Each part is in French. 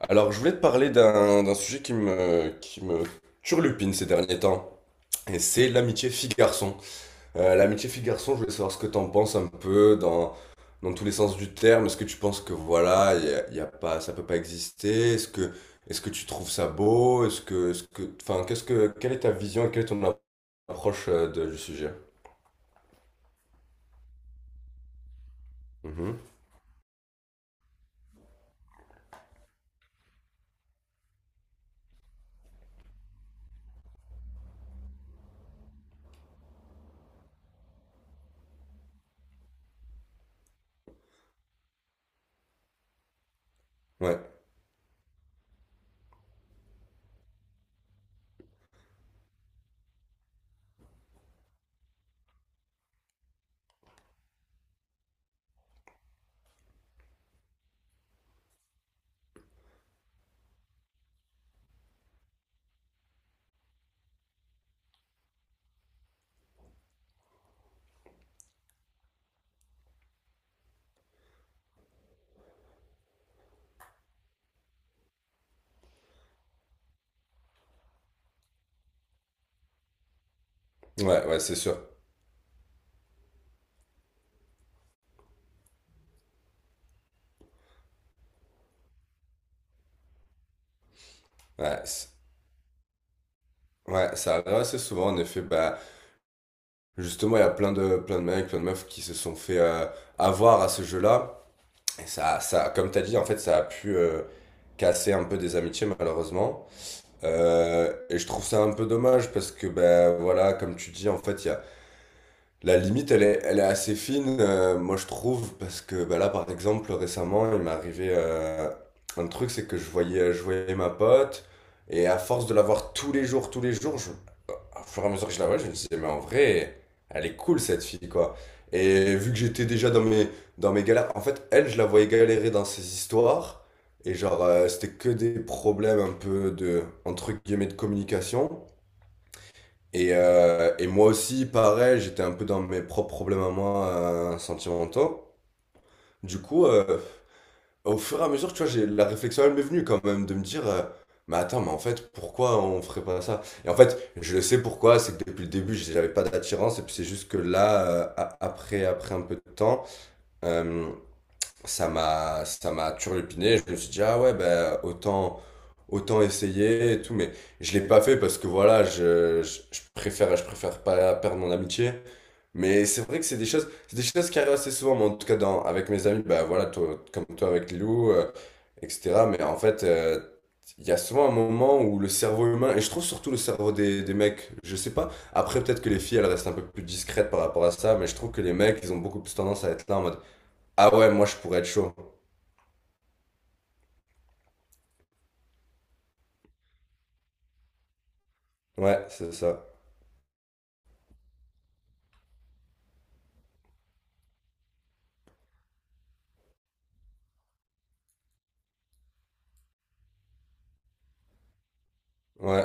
Alors, je voulais te parler d'un sujet qui me turlupine ces derniers temps, et c'est l'amitié fille-garçon. L'amitié fille-garçon, je voulais savoir ce que t'en penses un peu dans tous les sens du terme. Est-ce que tu penses que voilà, y a pas, ça peut pas exister? Est-ce que tu trouves ça beau? Est-ce que, enfin, qu'est-ce que, quelle est ta vision et quelle est ton approche du sujet? Mhm. Ouais, ouais, c'est sûr. Ouais, ouais, ça arrive assez souvent, en effet. Bah, justement, il y a plein de mecs, plein de meufs qui se sont fait avoir à ce jeu-là. Et comme tu as dit, en fait, ça a pu casser un peu des amitiés, malheureusement. Et je trouve ça un peu dommage parce que, ben voilà, comme tu dis, en fait, il y a la limite, elle est assez fine, moi je trouve, parce que bah, là, par exemple, récemment, il m'est arrivé un truc, c'est que je voyais ma pote, et à force de la voir tous les jours, au fur et à mesure que je la vois, je me disais, mais en vrai, elle est cool cette fille, quoi. Et vu que j'étais déjà dans mes galères, en fait, elle, je la voyais galérer dans ses histoires, et genre, c'était que des problèmes un peu de, entre guillemets, de communication. Et moi aussi, pareil, j'étais un peu dans mes propres problèmes à moi sentimentaux. Du coup, au fur et à mesure, tu vois, j'ai la réflexion, elle m'est venue quand même de me dire, mais attends, mais en fait, pourquoi on ferait pas ça? Et en fait, je le sais pourquoi, c'est que depuis le début, j'avais pas d'attirance, et puis c'est juste que là, après, après un peu de temps, euh, ça m'a turlupiné. Je me suis dit, ah ouais, ben autant, autant essayer et tout. Mais je l'ai pas fait parce que voilà, je préfère pas perdre mon amitié. Mais c'est vrai que c'est des choses qui arrivent assez souvent. Mais en tout cas, avec mes amis, ben voilà, comme toi avec Lilou, etc. Mais en fait, il y a souvent un moment où le cerveau humain, et je trouve surtout le cerveau des mecs, je sais pas. Après, peut-être que les filles, elles restent un peu plus discrètes par rapport à ça, mais je trouve que les mecs, ils ont beaucoup plus tendance à être là en mode. Ah ouais, moi je pourrais être chaud. Ouais, c'est ça. Ouais.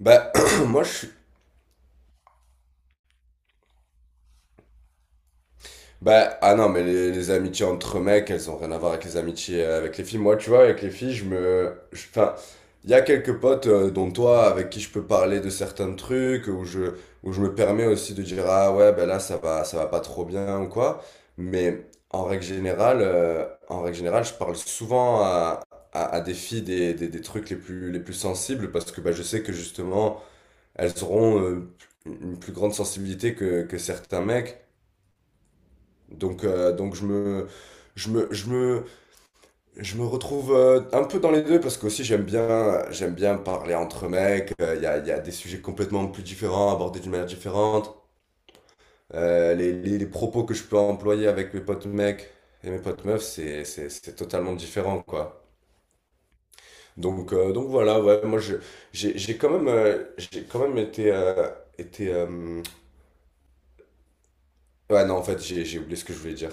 Bah, moi je suis. Bah, ah non, mais les amitiés entre mecs, elles ont rien à voir avec les amitiés avec les filles. Moi, tu vois, avec les filles, enfin, il y a quelques potes, dont toi, avec qui je peux parler de certains trucs, où je me permets aussi de dire, ah ouais, bah là, ça va pas trop bien ou quoi. Mais en règle générale, je parle souvent à des filles des, des trucs les plus sensibles parce que bah, je sais que justement elles auront une plus grande sensibilité que certains mecs. Donc, donc je me, je me, je me retrouve un peu dans les deux parce qu'aussi j'aime bien parler entre mecs. Il y a, y a des sujets complètement plus différents, abordés d'une manière différente. Les propos que je peux employer avec mes potes mecs et mes potes meufs, c'est totalement différent, quoi. Donc voilà, ouais, j'ai quand même, été, été ouais, non, en fait, j'ai oublié ce que je voulais dire.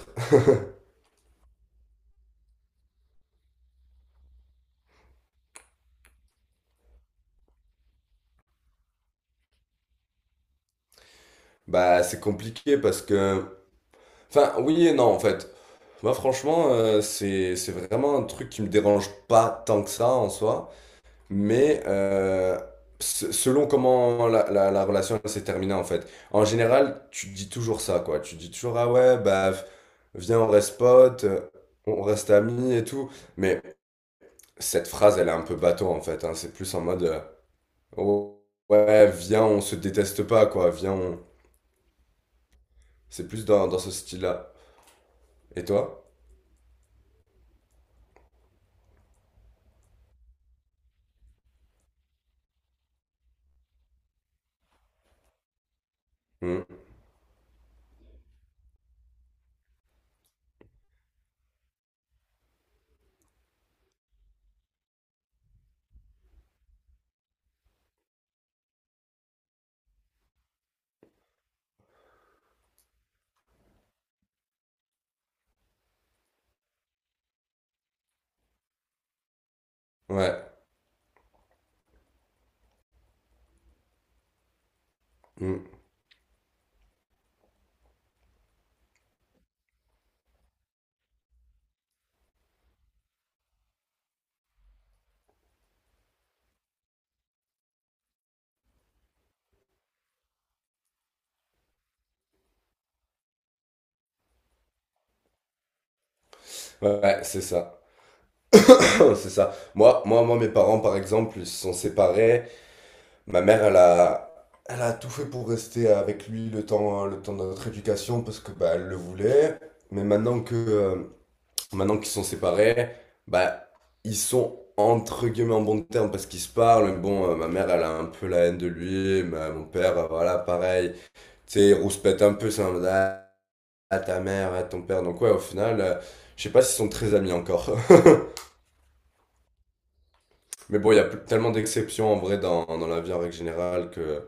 Bah, c'est compliqué parce que… enfin, oui et non, en fait. Moi, franchement, c'est vraiment un truc qui me dérange pas tant que ça en soi. Mais selon comment la relation s'est terminée, en fait. En général, tu dis toujours ça, quoi. Tu dis toujours, ah ouais, bah, viens, on reste potes, on reste amis et tout. Mais cette phrase, elle est un peu bateau, en fait, hein. C'est plus en mode, oh, ouais, viens, on se déteste pas, quoi. Viens, on… c'est plus dans ce style-là. Et toi? Mm. Ouais. Mm. Ouais, ouais, c'est ça. C'est ça. Moi, mes parents, par exemple, ils se sont séparés. Ma mère, elle a tout fait pour rester avec lui le temps, hein, le temps de notre éducation parce que bah, elle le voulait. Mais maintenant qu'ils sont séparés, bah, ils sont entre guillemets en bon terme parce qu'ils se parlent, mais bon, ma mère, elle a un peu la haine de lui. Mon père, voilà, pareil. Tu sais, il rouspète un peu. C'est un… à ta mère, à ton père. Donc ouais, au final, je sais pas s'ils sont très amis encore. Mais bon, il y a tellement d'exceptions en vrai dans la vie en règle générale que…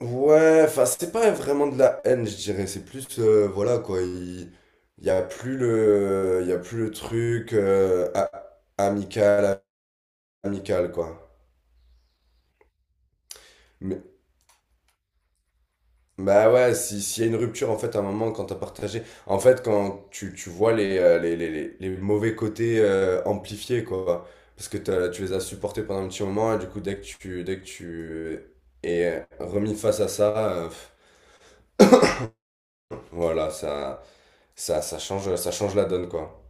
Ouais, enfin, c'est pas vraiment de la haine, je dirais. C'est plus, voilà, quoi. Il y a plus le, il y a plus le truc amical, amical, quoi. Mais, bah ouais, si, s'il y a une rupture, en fait, à un moment, quand t'as partagé, en fait, quand tu vois les, les mauvais côtés amplifiés, quoi. Parce que tu les as supportés pendant un petit moment, et du coup, dès que tu es remis face à ça, pff, voilà, ça change la donne, quoi.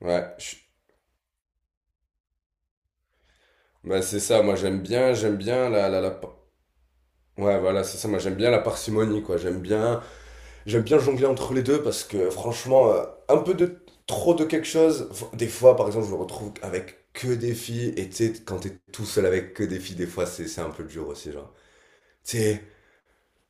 Ouais, je bah c'est ça, moi, j'aime bien la… ouais, voilà, c'est ça, moi, j'aime bien la parcimonie, quoi. J'aime bien… j'aime bien jongler entre les deux parce que franchement, un peu de trop de quelque chose. Des fois, par exemple, je me retrouve avec que des filles et tu sais, quand t'es tout seul avec que des filles, des fois, c'est un peu dur aussi, genre. Tu sais,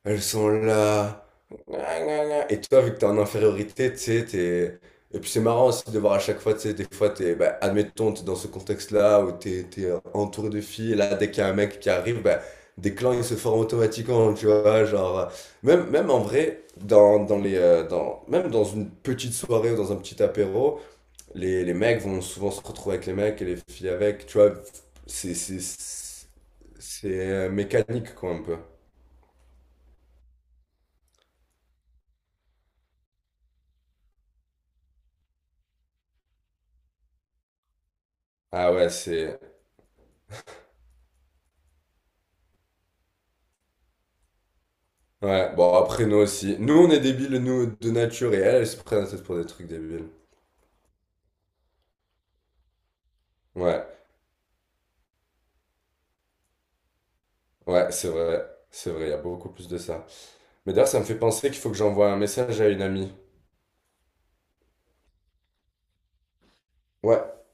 elles sont là. Gna, gna, gna. Et toi, vu que t'es en infériorité, tu sais, t'es… et puis c'est marrant aussi de voir à chaque fois, tu sais, des fois, t'es, bah, admettons, t'es dans ce contexte-là où t'es entouré de filles, et là, dès qu'il y a un mec qui arrive, bah, des clans, ils se forment automatiquement, tu vois, genre… même, même en vrai, même dans une petite soirée ou dans un petit apéro, les mecs vont souvent se retrouver avec les mecs et les filles avec, tu vois, c'est… c'est, mécanique, quoi, un peu. Ah ouais, c'est… ouais, bon, après, nous aussi. Nous, on est débiles, nous, de nature, et elle, elle se prend la tête pour des trucs débiles. Ouais, ouais, c'est vrai. C'est vrai, il y a beaucoup plus de ça. Mais d'ailleurs, ça me fait penser qu'il faut que j'envoie un message à une amie. Ouais.